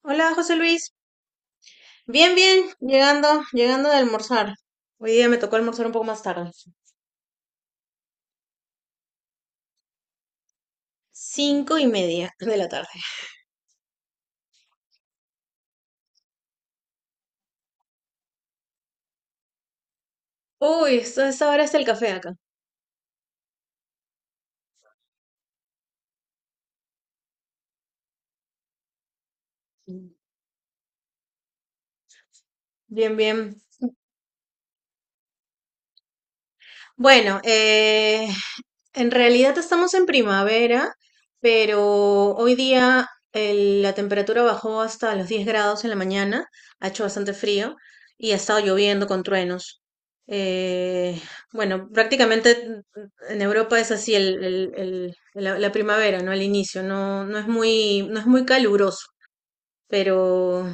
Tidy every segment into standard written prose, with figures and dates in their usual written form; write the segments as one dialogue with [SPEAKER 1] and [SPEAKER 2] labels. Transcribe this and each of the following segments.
[SPEAKER 1] Hola, José Luis. Bien, bien, llegando de almorzar. Hoy día me tocó almorzar un poco más tarde. Cinco y media de la tarde. Uy, esta hora está el café acá. Bien, bien. Bueno, en realidad estamos en primavera, pero hoy día la temperatura bajó hasta los 10 grados en la mañana, ha hecho bastante frío y ha estado lloviendo con truenos. Eh, bueno, prácticamente en Europa es así la primavera, ¿no? Al inicio, no, no es muy caluroso, pero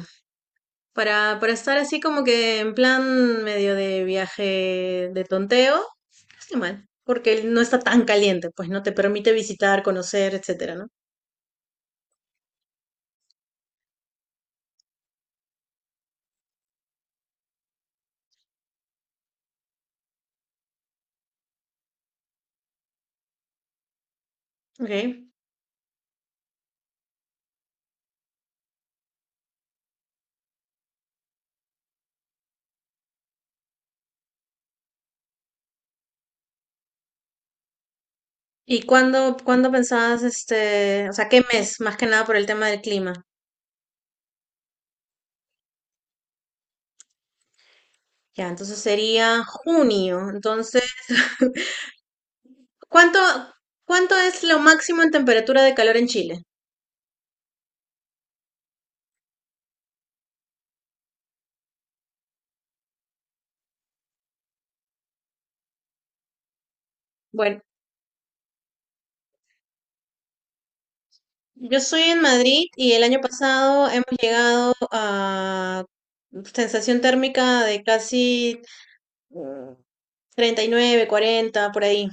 [SPEAKER 1] para estar así como que en plan medio de viaje de tonteo. Qué mal, porque no está tan caliente, pues no te permite visitar, conocer, etcétera, ¿no? Okay. ¿Y cuándo pensabas, este, o sea, qué mes, más que nada por el tema del clima? Ya, entonces sería junio. Entonces, ¿cuánto, cuánto es lo máximo en temperatura de calor en Chile? Bueno, yo soy en Madrid y el año pasado hemos llegado a sensación térmica de casi mm, 39, 40, por ahí.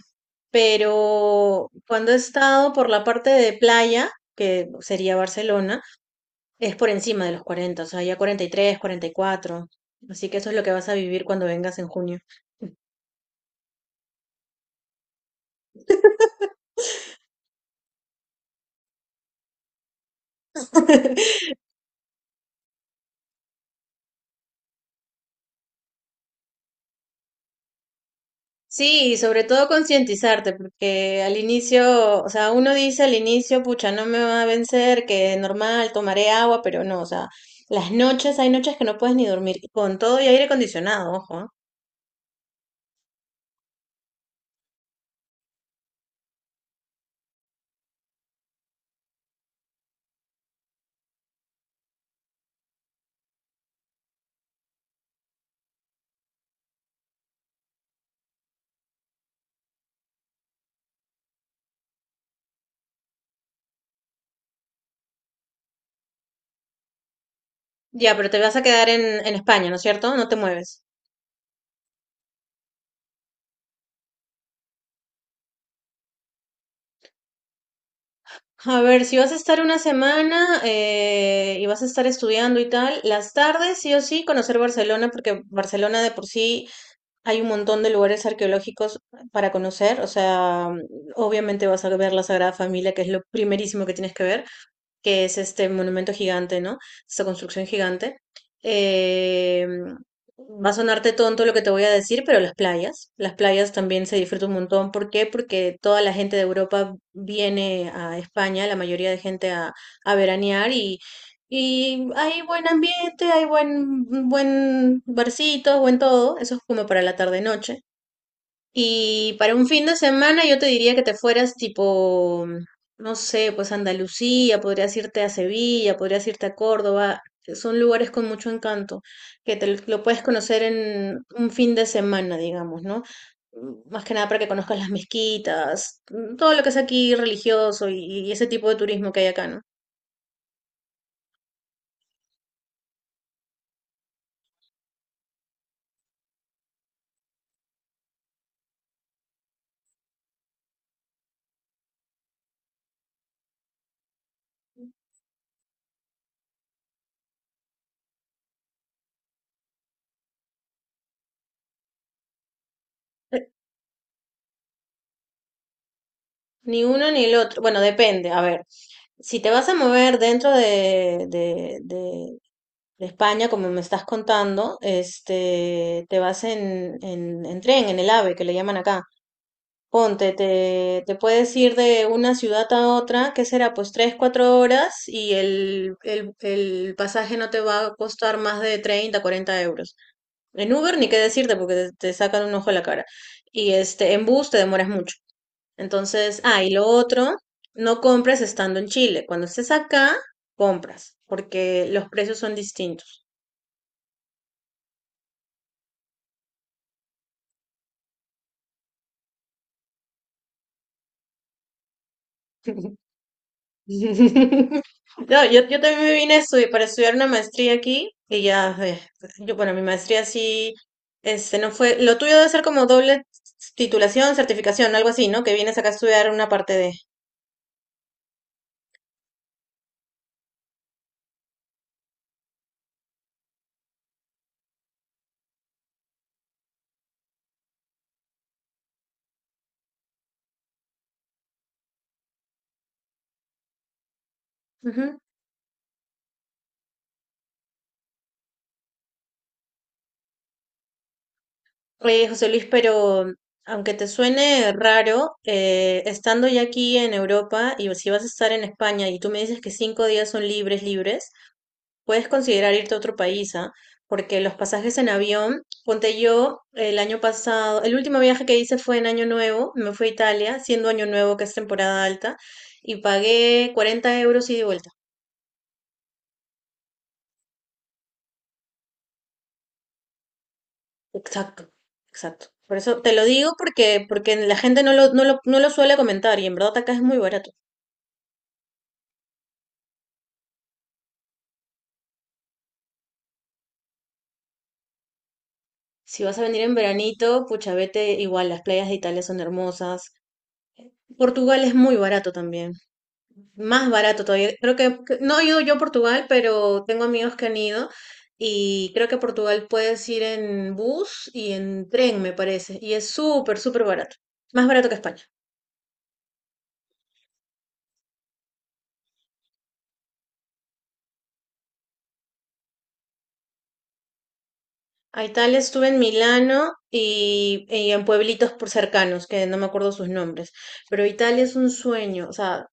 [SPEAKER 1] Pero cuando he estado por la parte de playa, que sería Barcelona, es por encima de los 40, o sea, ya 40, 43, 44. Así que eso es lo que vas a vivir cuando vengas en junio. Sí, y sobre todo concientizarte, porque al inicio, o sea, uno dice al inicio, pucha, no me va a vencer, que normal, tomaré agua, pero no, o sea, las noches, hay noches que no puedes ni dormir, con todo y aire acondicionado, ojo. ¿Ah? Ya, pero te vas a quedar en España, ¿no es cierto? No te mueves. A ver, si vas a estar una semana y vas a estar estudiando y tal, las tardes sí o sí conocer Barcelona, porque Barcelona de por sí hay un montón de lugares arqueológicos para conocer, o sea, obviamente vas a ver la Sagrada Familia, que es lo primerísimo que tienes que ver, que es este monumento gigante, ¿no? Esta construcción gigante. Eh, va a sonarte tonto lo que te voy a decir, pero las playas también se disfrutan un montón. ¿Por qué? Porque toda la gente de Europa viene a España, la mayoría de gente a veranear y hay buen ambiente, hay buen barcito, buen todo. Eso es como para la tarde-noche. Y para un fin de semana yo te diría que te fueras tipo, no sé, pues a Andalucía, podrías irte a Sevilla, podrías irte a Córdoba. Son lugares con mucho encanto, que te lo puedes conocer en un fin de semana, digamos, ¿no? Mm, más que nada para que conozcas las mezquitas, mm, todo lo que es aquí religioso y ese tipo de turismo que hay acá, ¿no? Eh, ni uno ni el otro. Bueno, depende. A ver, si te vas a mover dentro de España, como me estás contando, este, te vas en tren, en el AVE, que le llaman acá. Ponte, te puedes ir de una ciudad a otra, ¿qué será? Pues tres, cuatro horas y el pasaje no te va a costar más de 30, 40 euros. En Uber ni qué decirte porque te sacan un ojo a la cara. Y este, en bus te demoras mucho. Entonces, ah, y lo otro, no compres estando en Chile. Cuando estés acá, compras, porque los precios son distintos. No, yo también me vine a estudiar, para estudiar una maestría aquí y ya, yo, bueno, mi maestría sí, este, no fue, lo tuyo debe ser como doble titulación, certificación, algo así, ¿no? Que vienes acá a estudiar una parte de... Ujú. Oye, José Luis, pero aunque te suene raro, estando ya aquí en Europa y si vas a estar en España y tú me dices que 5 días son libres, libres, puedes considerar irte a otro país, ¿ah? Porque los pasajes en avión, ponte yo el año pasado, el último viaje que hice fue en Año Nuevo, me fui a Italia, siendo Año Nuevo que es temporada alta, y pagué 40 euros ida y de vuelta. Exacto, exacto. Por eso te lo digo porque, porque la gente no lo suele comentar y en verdad acá es muy barato. Si vas a venir en veranito, pucha, vete igual, las playas de Italia son hermosas. Portugal es muy barato también. Más barato todavía. Creo que no he ido yo a Portugal, pero tengo amigos que han ido y creo que a Portugal puedes ir en bus y en tren, me parece. Y es súper, súper barato. Más barato que España. A Italia estuve en Milano y en pueblitos por cercanos, que no me acuerdo sus nombres. Pero Italia es un sueño. O sea,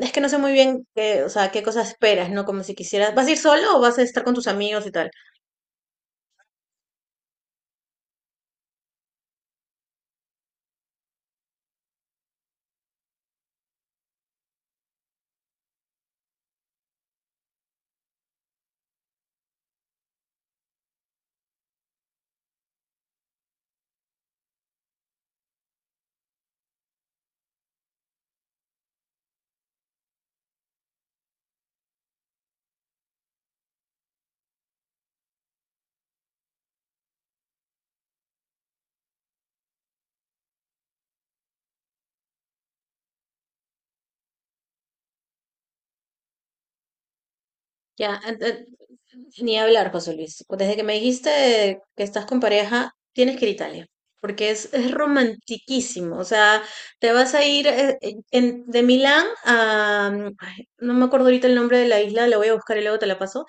[SPEAKER 1] es que no sé muy bien qué, o sea, qué cosas esperas, ¿no? Como si quisieras, ¿vas a ir solo o vas a estar con tus amigos y tal? Ya, ent- ent- ni hablar, José Luis. Desde que me dijiste que estás con pareja, tienes que ir a Italia, porque es romantiquísimo. O sea, te vas a ir de Milán a... ay, no me acuerdo ahorita el nombre de la isla, la voy a buscar y luego te la paso.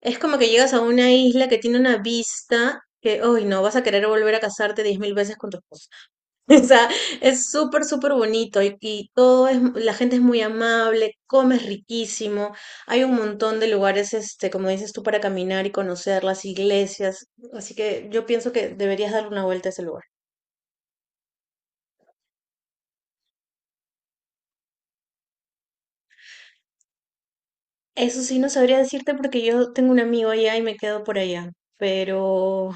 [SPEAKER 1] Es como que llegas a una isla que tiene una vista que, uy, no, vas a querer volver a casarte 10.000 veces con tu esposo. O sea, es súper, súper bonito y todo es, la gente es muy amable, comes riquísimo, hay un montón de lugares, este, como dices tú, para caminar y conocer las iglesias, así que yo pienso que deberías darle una vuelta a ese lugar. Eso sí, no sabría decirte porque yo tengo un amigo allá y me quedo por allá, pero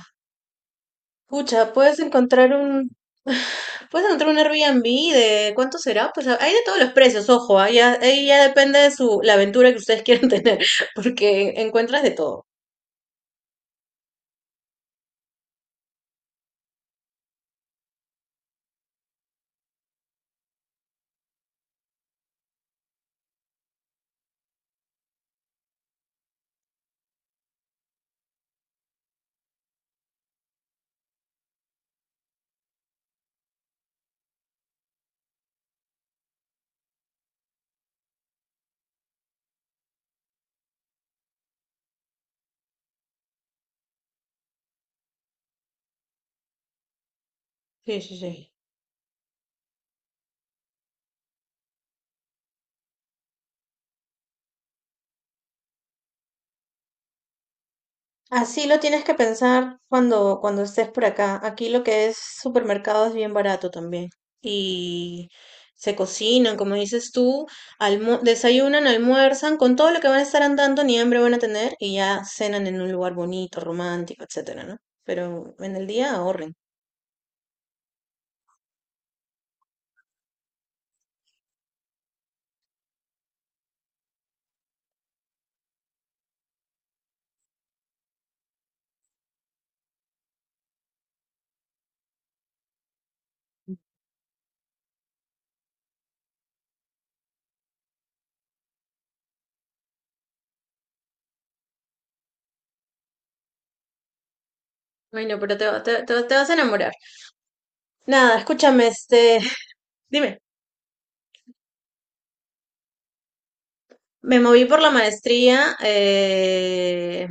[SPEAKER 1] pucha, puedes encontrar un Airbnb de ¿cuánto será? Pues hay de todos los precios, ojo, ahí ya depende de su, la aventura que ustedes quieran tener, porque encuentras de todo. Sí, sí, sí. Así lo tienes que pensar cuando estés por acá. Aquí lo que es supermercado es bien barato también. Y se cocinan, como dices tú, desayunan, almuerzan, con todo lo que van a estar andando, ni hambre van a tener, y ya cenan en un lugar bonito, romántico, etcétera, ¿no? Pero en el día ahorren. Bueno, pero te, va- te vas a enamorar. Nada, escúchame, este, dime. Me moví por la maestría,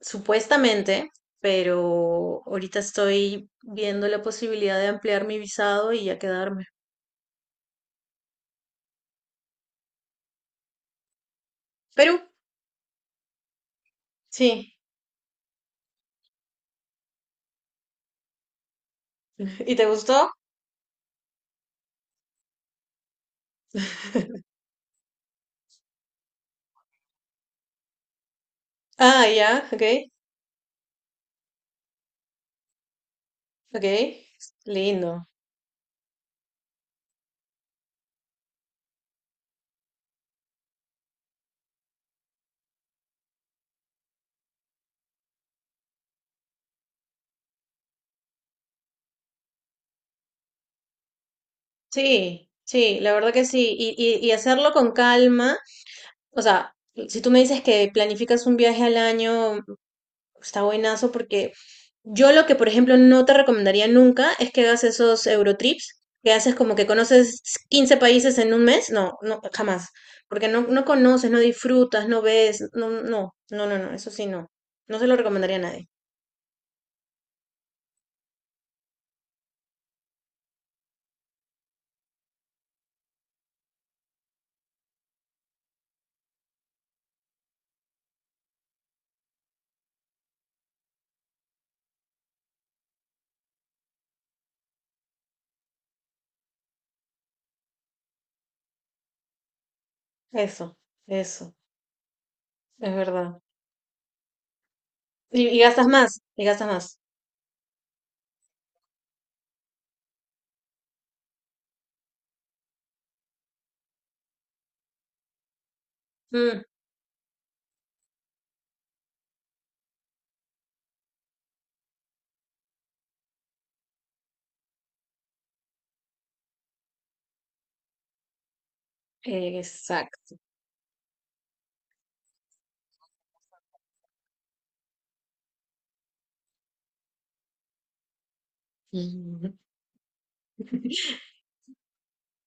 [SPEAKER 1] supuestamente, pero ahorita estoy viendo la posibilidad de ampliar mi visado y ya quedarme. Perú, sí. ¿Y te gustó? Ah, ya, ok, ok. Lindo. Sí, sí, la verdad que sí. Y hacerlo con calma. O sea, si tú me dices que planificas un viaje al año, está buenazo porque yo lo que, por ejemplo, no te recomendaría nunca es que hagas esos Eurotrips, que haces como que conoces 15 países en 1 mes. No, no, jamás. Porque no, no conoces, no disfrutas, no ves. No, no, no, no, no, eso sí, no. No se lo recomendaría a nadie. Eso, eso, es verdad. Y y gastas más, y gastas más. Mm, exacto.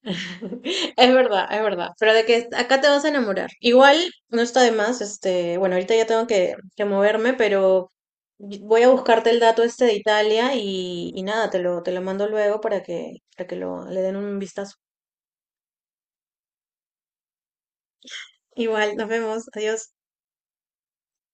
[SPEAKER 1] Es verdad, es verdad. Pero de que acá te vas a enamorar. Igual no está de más, este, bueno, ahorita ya tengo que moverme, pero voy a buscarte el dato este de Italia y nada, te lo mando luego para para que lo, le den un vistazo. Igual, nos vemos. Adiós.